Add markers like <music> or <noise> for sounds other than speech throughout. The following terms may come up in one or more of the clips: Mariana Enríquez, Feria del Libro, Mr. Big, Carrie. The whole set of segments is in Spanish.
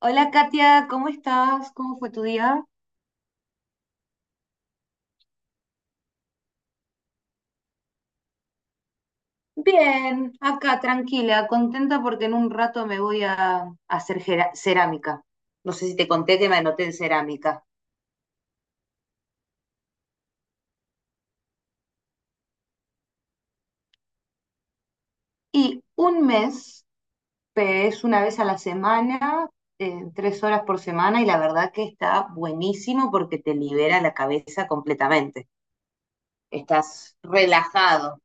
Hola Katia, ¿cómo estás? ¿Cómo fue tu día? Bien, acá tranquila, contenta porque en un rato me voy a hacer cerámica. No sé si te conté que me anoté en cerámica. Y un mes es una vez a la semana, tres horas por semana, y la verdad que está buenísimo porque te libera la cabeza completamente. Estás relajado.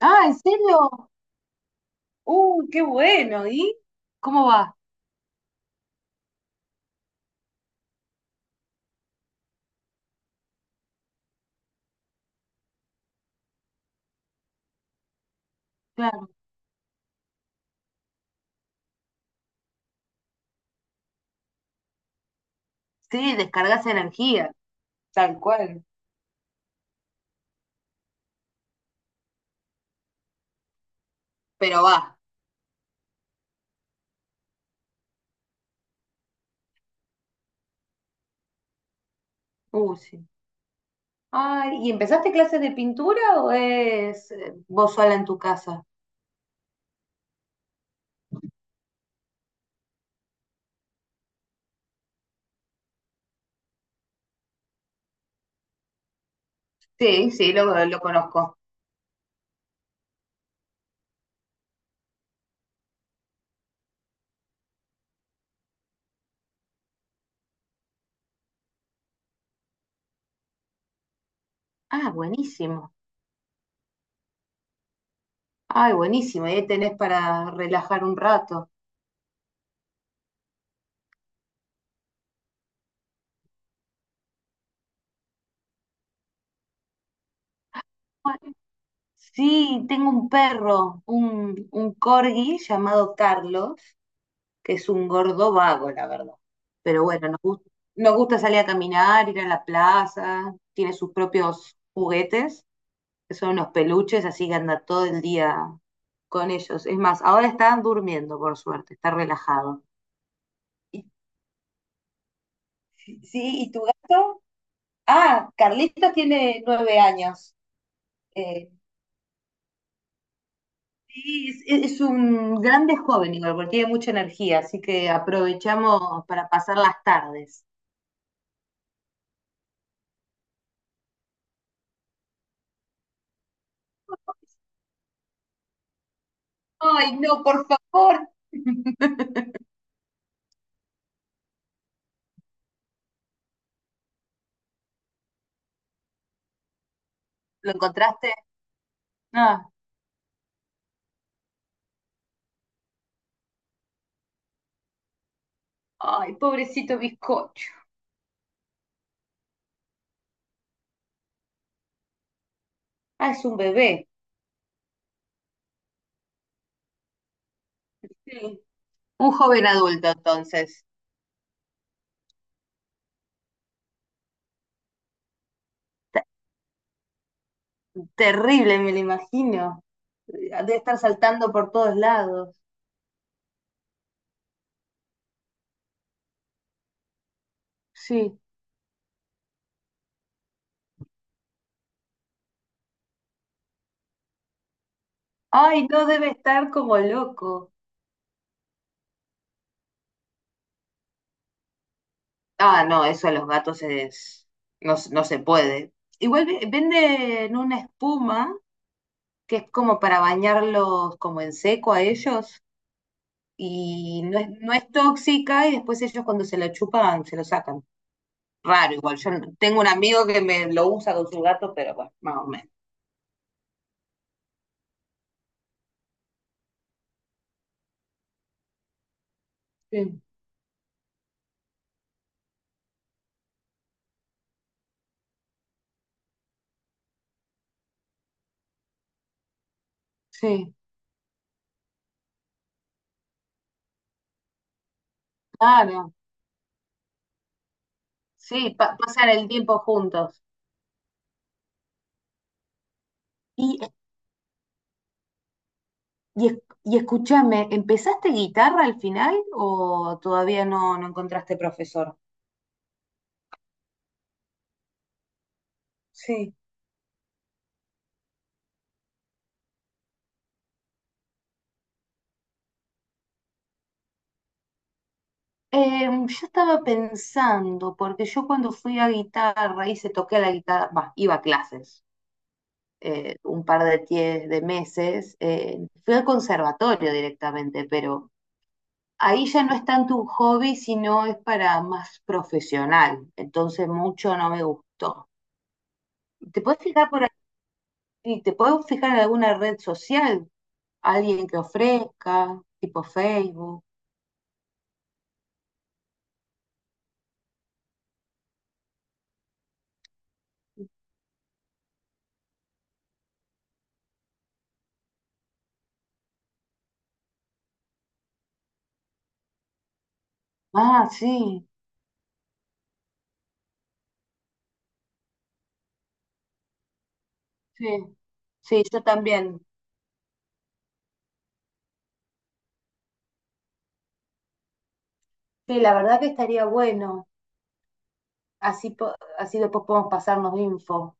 Ah, ¿en serio? ¡Uh, qué bueno! ¿Y cómo va? Claro. Sí, descargas energía. Tal cual. Pero va. Sí. Ay, ¿y empezaste clases de pintura o es vos sola en tu casa? Sí, sí, lo conozco. Ah, buenísimo. Ay, buenísimo. Y ahí tenés para relajar un rato. Sí, tengo un perro, un corgi llamado Carlos, que es un gordo vago, la verdad. Pero bueno, nos gusta salir a caminar, ir a la plaza, tiene sus propios juguetes. Son unos peluches, así que anda todo el día con ellos. Es más, ahora están durmiendo, por suerte, está relajado. Sí, ¿y tu gato? Ah, Carlitos tiene 9 años. Eh, Sí, es un grande joven, igual, porque tiene mucha energía, así que aprovechamos para pasar las tardes. Ay, no, por favor. <laughs> ¿Lo encontraste? Ah, ay, pobrecito bizcocho. Ah, es un bebé. Sí. Un joven adulto, entonces. Terrible, me lo imagino. Debe estar saltando por todos lados. Sí. Ay, no debe estar como loco. Ah, no, eso a los gatos es... no, no se puede. Igual venden una espuma que es como para bañarlos como en seco a ellos y no es, no es tóxica y después ellos cuando se la chupan se lo sacan. Raro, igual. Yo no- tengo un amigo que me lo usa con su gato, pero bueno, más o menos. Sí, sí, claro. Sí, pasar el tiempo juntos. Y, y, es- y escúchame, ¿empezaste guitarra al final o todavía no, no encontraste profesor? Sí. Yo estaba pensando, porque yo cuando fui a guitarra, hice, toqué la guitarra, bah, iba a clases un par de, de meses, fui al conservatorio directamente, pero ahí ya no es tanto un hobby, sino es para más profesional, entonces mucho no me gustó. ¿Te puedes fijar, por Y te puedes fijar en alguna red social, alguien que ofrezca, tipo Facebook. Ah, sí, sí, sí, yo también. Sí, la verdad que estaría bueno. Así, así después podemos pasarnos info.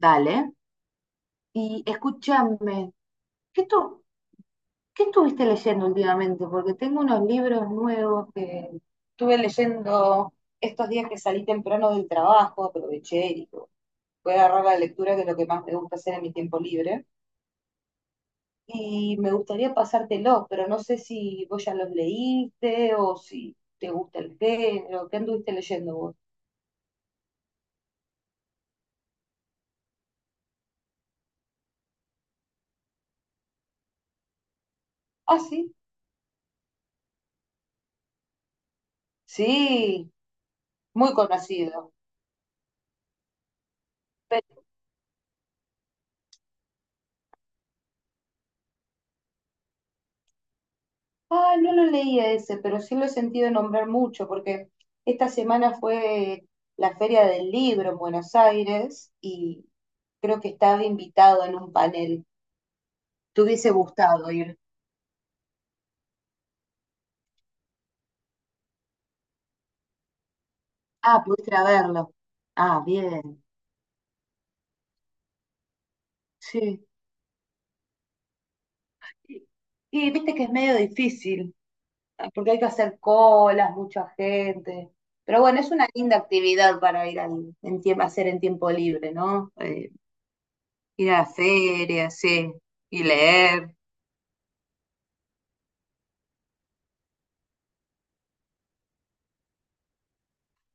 Dale. Y escúchame, ¿qué, tú, ¿qué estuviste leyendo últimamente? Porque tengo unos libros nuevos que estuve leyendo estos días que salí temprano del trabajo, aproveché y digo, voy a agarrar la lectura, que es lo que más me gusta hacer en mi tiempo libre. Y me gustaría pasártelo, pero no sé si vos ya los leíste o si te gusta el género, ¿qué anduviste leyendo vos? Ah, sí, sí, muy conocido. Pe- ah, no lo leí a ese, pero sí lo he sentido nombrar mucho, porque esta semana fue la Feria del Libro en Buenos Aires y creo que estaba invitado en un panel. ¿Te hubiese gustado ir? Ah, pudiste ir a verlo. Ah, bien, sí. Y y viste que es medio difícil. Ah, porque hay que hacer colas, mucha gente. Pero bueno, es una linda actividad para ir al, en tiempo, hacer en tiempo libre, ¿no? Ir a ferias, sí, y leer.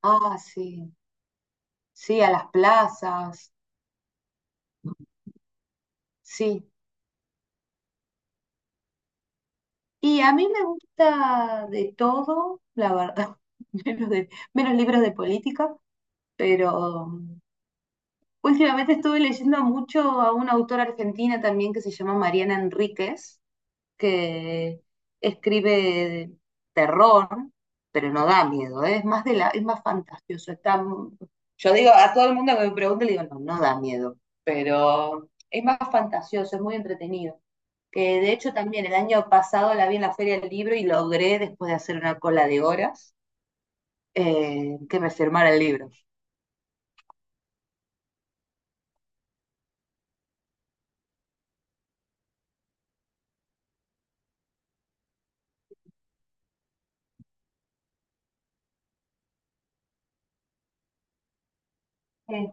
Ah, sí, sí, a las plazas, sí. Y a mí me gusta de todo, la verdad, <laughs> menos, de, menos libros de política, pero últimamente estuve leyendo mucho a una autora argentina también que se llama Mariana Enríquez que escribe terror, pero no da miedo, ¿eh? Es más de la, es más fantasioso. Está, yo digo, a todo el mundo que me pregunte, le digo, no, no da miedo, pero es más fantasioso, es muy entretenido. Que de hecho también el año pasado la vi en la Feria del Libro y logré, después de hacer una cola de horas, que me firmara el libro. Eh,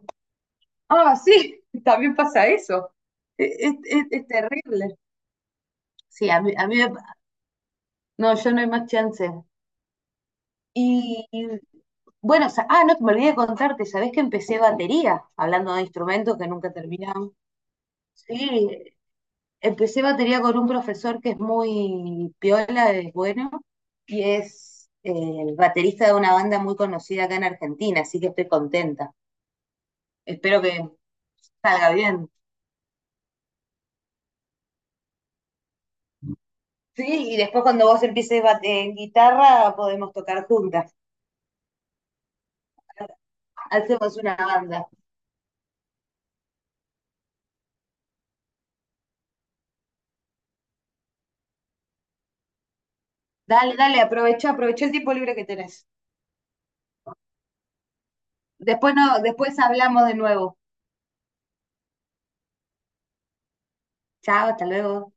Ah, sí, <laughs> también pasa eso. Es terrible. Sí, a mí no, yo no hay más chance. Y bueno, ah, no, me olvidé de contarte, ¿sabés que empecé batería? Hablando de instrumentos que nunca terminamos. Sí, empecé batería con un profesor que es muy piola, es bueno, y es el baterista de una banda muy conocida acá en Argentina, así que estoy contenta. Espero que salga bien. Sí, y después cuando vos empieces en guitarra podemos tocar juntas. Hacemos una banda. Dale, dale, aprovecha, aprovecha el tiempo libre que tenés. Después no, después hablamos de nuevo. Chao, hasta luego.